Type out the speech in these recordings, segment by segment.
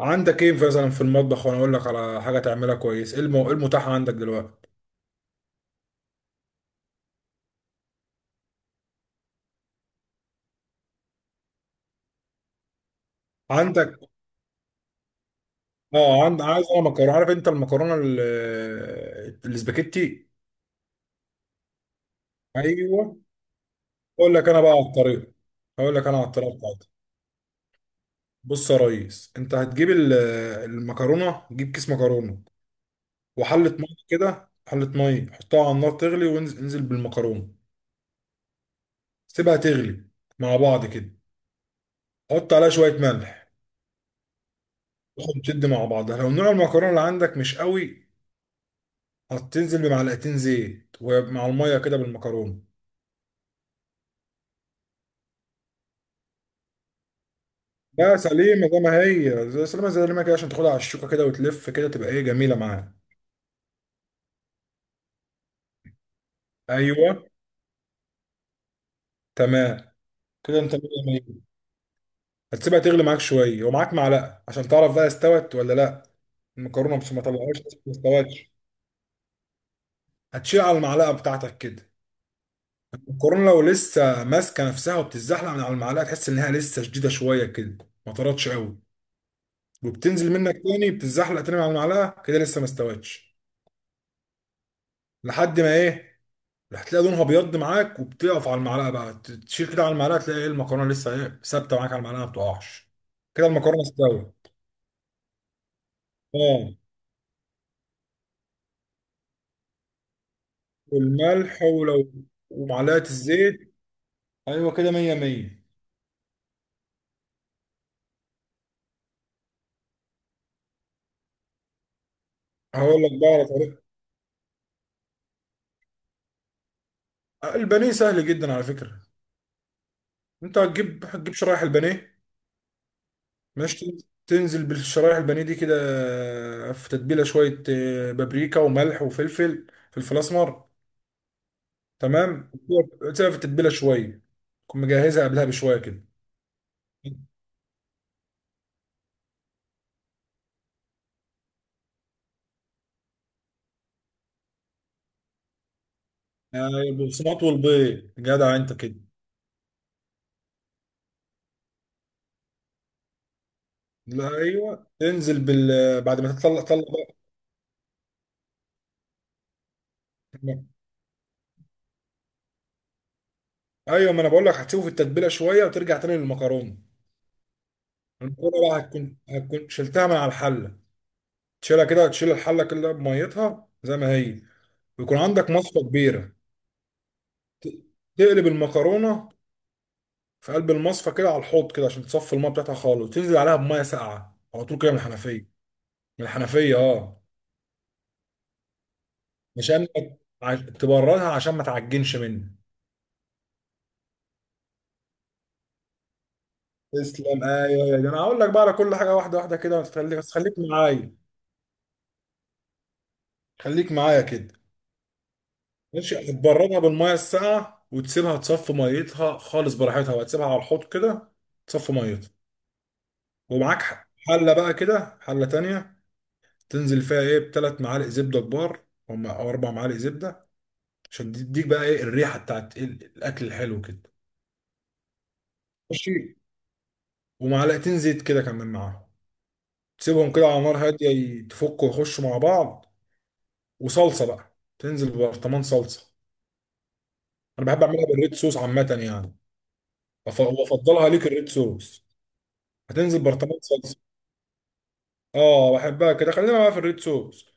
عندك ايه مثلا في المطبخ وانا اقول لك على حاجه تعملها كويس؟ ايه إيه المتاح عندك دلوقتي؟ عندك اه عايز انا مكرونه. عارف انت الاسباجيتي؟ ايوه. اقول لك انا بقى على الطريقه اقول لك انا على الطريقه بتاعتي. بص يا ريس، انت هتجيب المكرونه، جيب كيس مكرونه وحله ميه كده، حله ميه حطها على النار تغلي، وانزل بالمكرونه. سيبها تغلي مع بعض كده، حط عليها شويه ملح تاخد تشد مع بعضها. لو نوع المكرونه اللي عندك مش قوي، هتنزل بمعلقتين زيت ومع الميه كده بالمكرونه. لا، سليمه زي ما هي، زي سليمه زي ما كده عشان تاخدها على الشوكه كده وتلف كده، تبقى ايه، جميله معاك. ايوه، تمام. كده انت مية مية. هتسيبها تغلي معاك شويه، ومعاك معلقه عشان تعرف بقى استوت ولا لا. المكرونه مش ما طلعهاش لسه، ما استوتش. هتشيل على المعلقه بتاعتك كده، المكرونه لو لسه ماسكه نفسها وبتتزحلق من على المعلقه، تحس انها لسه شديده شويه كده، ما طرتش قوي، وبتنزل منك تاني، بتتزحلق تاني على المعلقه كده، لسه ما استوتش. لحد ما ايه، هتلاقي لونها ابيض معاك، وبتقف على المعلقه بقى، تشيل كده على المعلقه تلاقي ايه، المكرونه لسه ايه، ثابته معاك على المعلقه، ما بتقعش. كده المكرونه استوت. اه، والملح، ولو ومعلقه الزيت. ايوه كده، مية مية. هقول لك بقى على طريقه. آه، البانيه سهل جدا على فكره. انت هتجيب شرايح البانيه. ماشي، تنزل بالشرايح البانيه دي كده. آه، في تتبيله شويه، آه، بابريكا وملح وفلفل، فلفل اسمر. تمام، تسيبها في التتبيله شويه، تكون مجهزها قبلها بشويه كده. يعني البقسماط والبيض، جدع انت كده. لا، ايوه، تنزل بال بعد ما تطلع طلع بقى. ايوه، ما انا بقول لك هتسيبه في التتبيله شويه، وترجع تاني للمكرونه. المكرونه بقى هتكون شلتها من على الحله، تشيلها كده، تشيل الحله كلها بميتها زي ما هي. ويكون عندك مصفى كبيره، ت- تقلب المكرونه في قلب المصفى كده على الحوض كده عشان تصفي الميه بتاعتها خالص، وتنزل عليها بميه ساقعه على طول كده من الحنفيه. من الحنفيه، اه. عشان تبردها عشان ما تعجنش منك. تسلم، ايوه يا ده، انا هقول لك بقى على كل حاجه واحده واحده كده، وتخليك بس، خليك معايا كده. ماشي، هتبردها بالميه الساقعه، وتسيبها تصفي ميتها خالص براحتها، وهتسيبها على الحوض كده تصفي ميتها. ومعاك حله بقى كده، حله تانية، تنزل فيها ايه، ب3 معالق زبده كبار، او 4 معالق زبده، عشان تديك بقى ايه، الريحه بتاعت الاكل الحلو كده. ماشي. ومعلقتين زيت كده كمان معاهم، تسيبهم كده على نار هاديه يتفكوا ويخشوا مع بعض. وصلصه بقى، تنزل ببرطمان صلصه. انا بحب اعملها بالريد صوص عامه يعني. وافضلها ليك الريد صوص. هتنزل برطمان صلصه، اه بحبها كده، خلينا بقى في الريد صوص.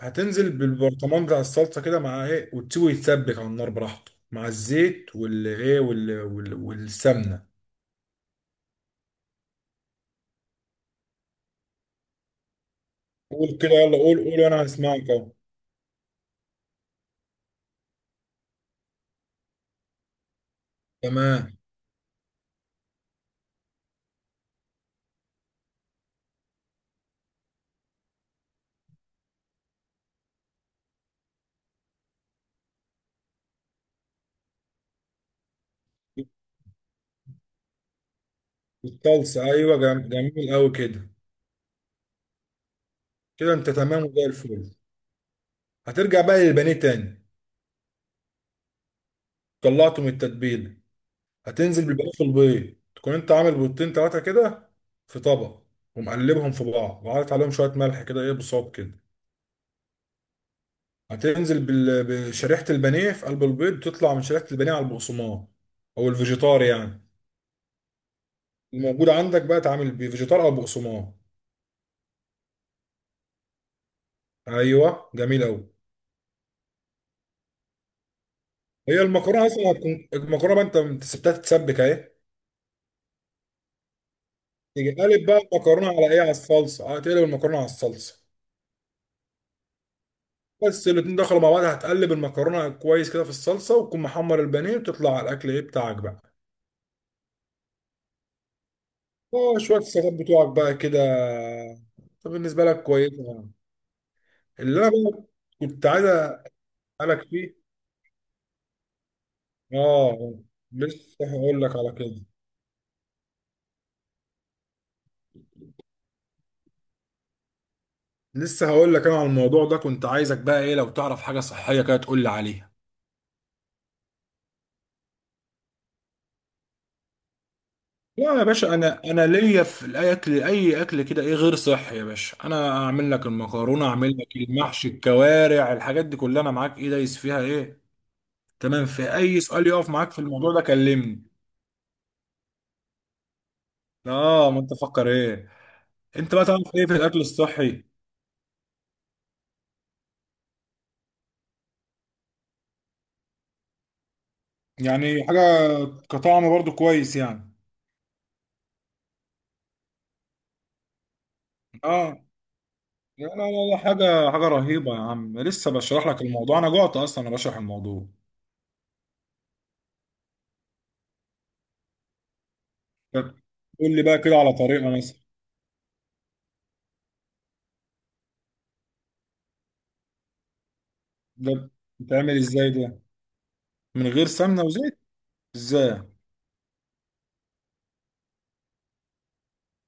هتنزل بالبرطمان بتاع الصلصه كده مع ايه، وتسيبه يتسبك على النار براحته مع الزيت والايه والسمنه. قول كده يلا، قول قول، وانا هسمعك اهو. تمام. الصلصه ايوه، جميل قوي كده. كده انت تمام وزي الفل. هترجع بقى للبانيه تاني، طلعته من التتبيله، هتنزل بالباقي في البيض. تكون انت عامل بيضتين ثلاثه كده في طبق، ومقلبهم في بعض، وعارف عليهم شويه ملح كده، ايه، بصوب كده. هتنزل بشريحه البانيه في قلب البيض، تطلع من شريحه البانيه على البقسماط، او الفيجيتار يعني، الموجود عندك بقى، تعمل بفيجيتار او بقسماط. ايوه، جميل قوي. هي المكرونه اصلا هتكون، المكرونه بقى انت سبتها تتسبك اهي. تيجي قالب بقى المكرونه على ايه، على الصلصه، هتقلب المكرونه على الصلصه. بس الاتنين دخلوا مع بعض، هتقلب المكرونه كويس كده في الصلصه، وتكون محمر البانيه، وتطلع على الاكل ايه بتاعك بقى. اه، شويه السلطات بتوعك بقى كده. طب بالنسبه لك كويسه يعني؟ اللي انا بقى كنت عايز اسالك فيه. اه، لسه هقول لك على كده. لسه هقول لك انا على الموضوع ده، كنت عايزك بقى ايه، لو تعرف حاجه صحيه كده تقول لي عليها. لا يا باشا، انا ليا في الاكل، اي اكل كده ايه غير صحي يا باشا، انا اعمل لك المكرونه، اعمل لك المحشي، الكوارع، الحاجات دي كلها، انا معاك ايه، دايس فيها ايه. تمام، في اي سؤال يقف معاك في الموضوع ده كلمني. اه، ما انت فكر ايه. انت بقى تعرف ايه في الاكل الصحي؟ يعني حاجه كطعم برضو كويس يعني؟ اه، لا لا لا لا، حاجه حاجه رهيبه يا عم، لسه بشرح لك الموضوع انا جعت اصلا انا بشرح الموضوع. طب قول لي بقى كده على طريقه مثلا. ده بتعمل ازاي ده؟ من غير سمنه وزيت؟ ازاي؟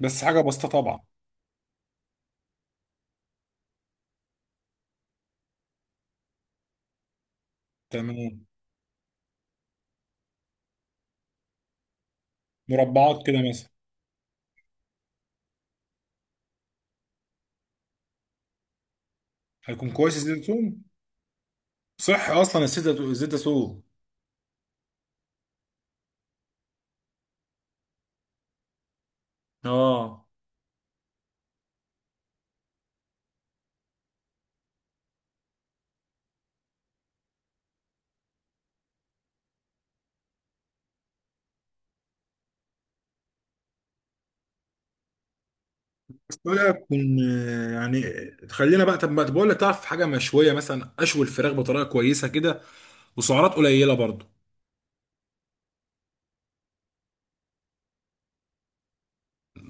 بس حاجه بسيطه طبعا. تمام، مربعات كده مثلا. هيكون كويس الزيت الزيتون. صحي اصلا الزيت الزيتون. اه بقى كن، يعني خلينا بقى. طب ما طب بقول لك، تعرف حاجه مشويه مثلا، اشوي الفراخ بطريقه كويسه كده، وسعرات قليله برضو.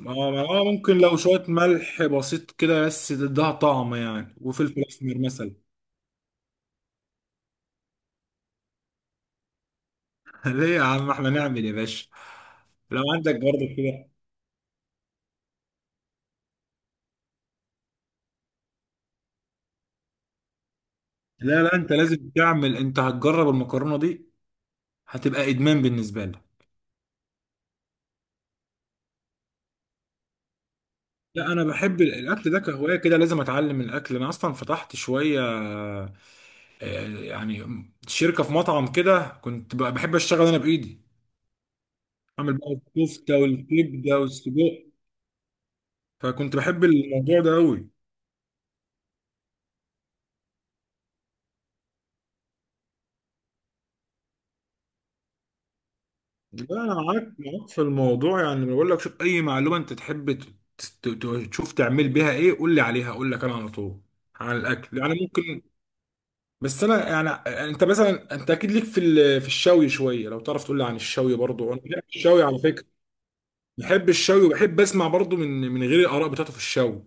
آه، آه، ممكن لو شويه ملح بسيط كده بس تديها طعم يعني، وفلفل اسمر مثلا. ليه يا عم، احنا نعمل يا باشا. لو عندك برضو كده. لا لا، انت لازم تعمل، انت هتجرب المكرونه دي، هتبقى ادمان بالنسبه لك. لا، انا بحب الاكل ده كهوايه كده، لازم اتعلم الاكل. انا اصلا فتحت شويه، آه، يعني شركة في مطعم كده، كنت بحب اشتغل انا بايدي، اعمل بقى الكفتة والكبدة والسجق. فكنت بحب الموضوع ده قوي. لا انا معاك، معاك في الموضوع يعني. بقول لك شوف اي معلومة انت تحب تشوف تعمل بيها ايه، قول لي عليها، اقول لك انا على طول. عن الاكل يعني ممكن. بس انا يعني، آه، انت مثلا، انت اكيد ليك في في الشوي شويه، لو تعرف تقول لي عن الشوي برضو، انا بحب الشوي على فكره. بحب الشوي وبحب اسمع برضو من غير الاراء بتاعته في الشوي.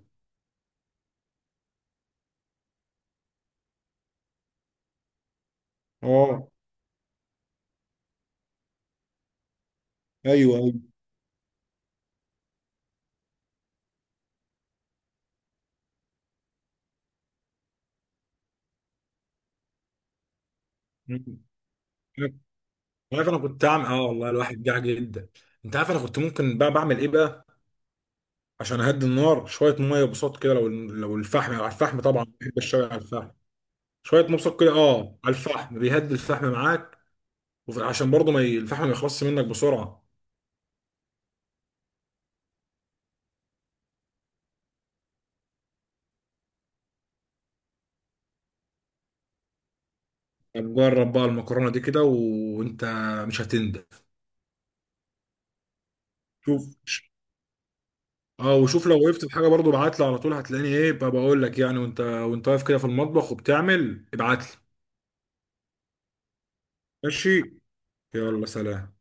اه ايوه. مم. عارف انا كنت اعمل، اه والله الواحد جاع جدا. انت عارف انا كنت ممكن بقى بعمل ايه بقى، عشان اهدي النار شويه، ميه بصوت كده، لو الفحم، على الفحم طبعا، بحب الشاي على الفحم. شويه مبسط كده، اه، على الفحم، بيهدي الفحم معاك. عشان برضه ما ي- الفحم ما يخلصش منك بسرعه. طب جرب بقى المكرونه دي كده، وانت مش هتندم. شوف، اه، وشوف لو وقفت في حاجه برضه ابعت لي على طول، هتلاقيني ايه بقى، بقول لك يعني، وانت واقف كده في المطبخ وبتعمل، ابعت لي. ماشي، يلا سلام.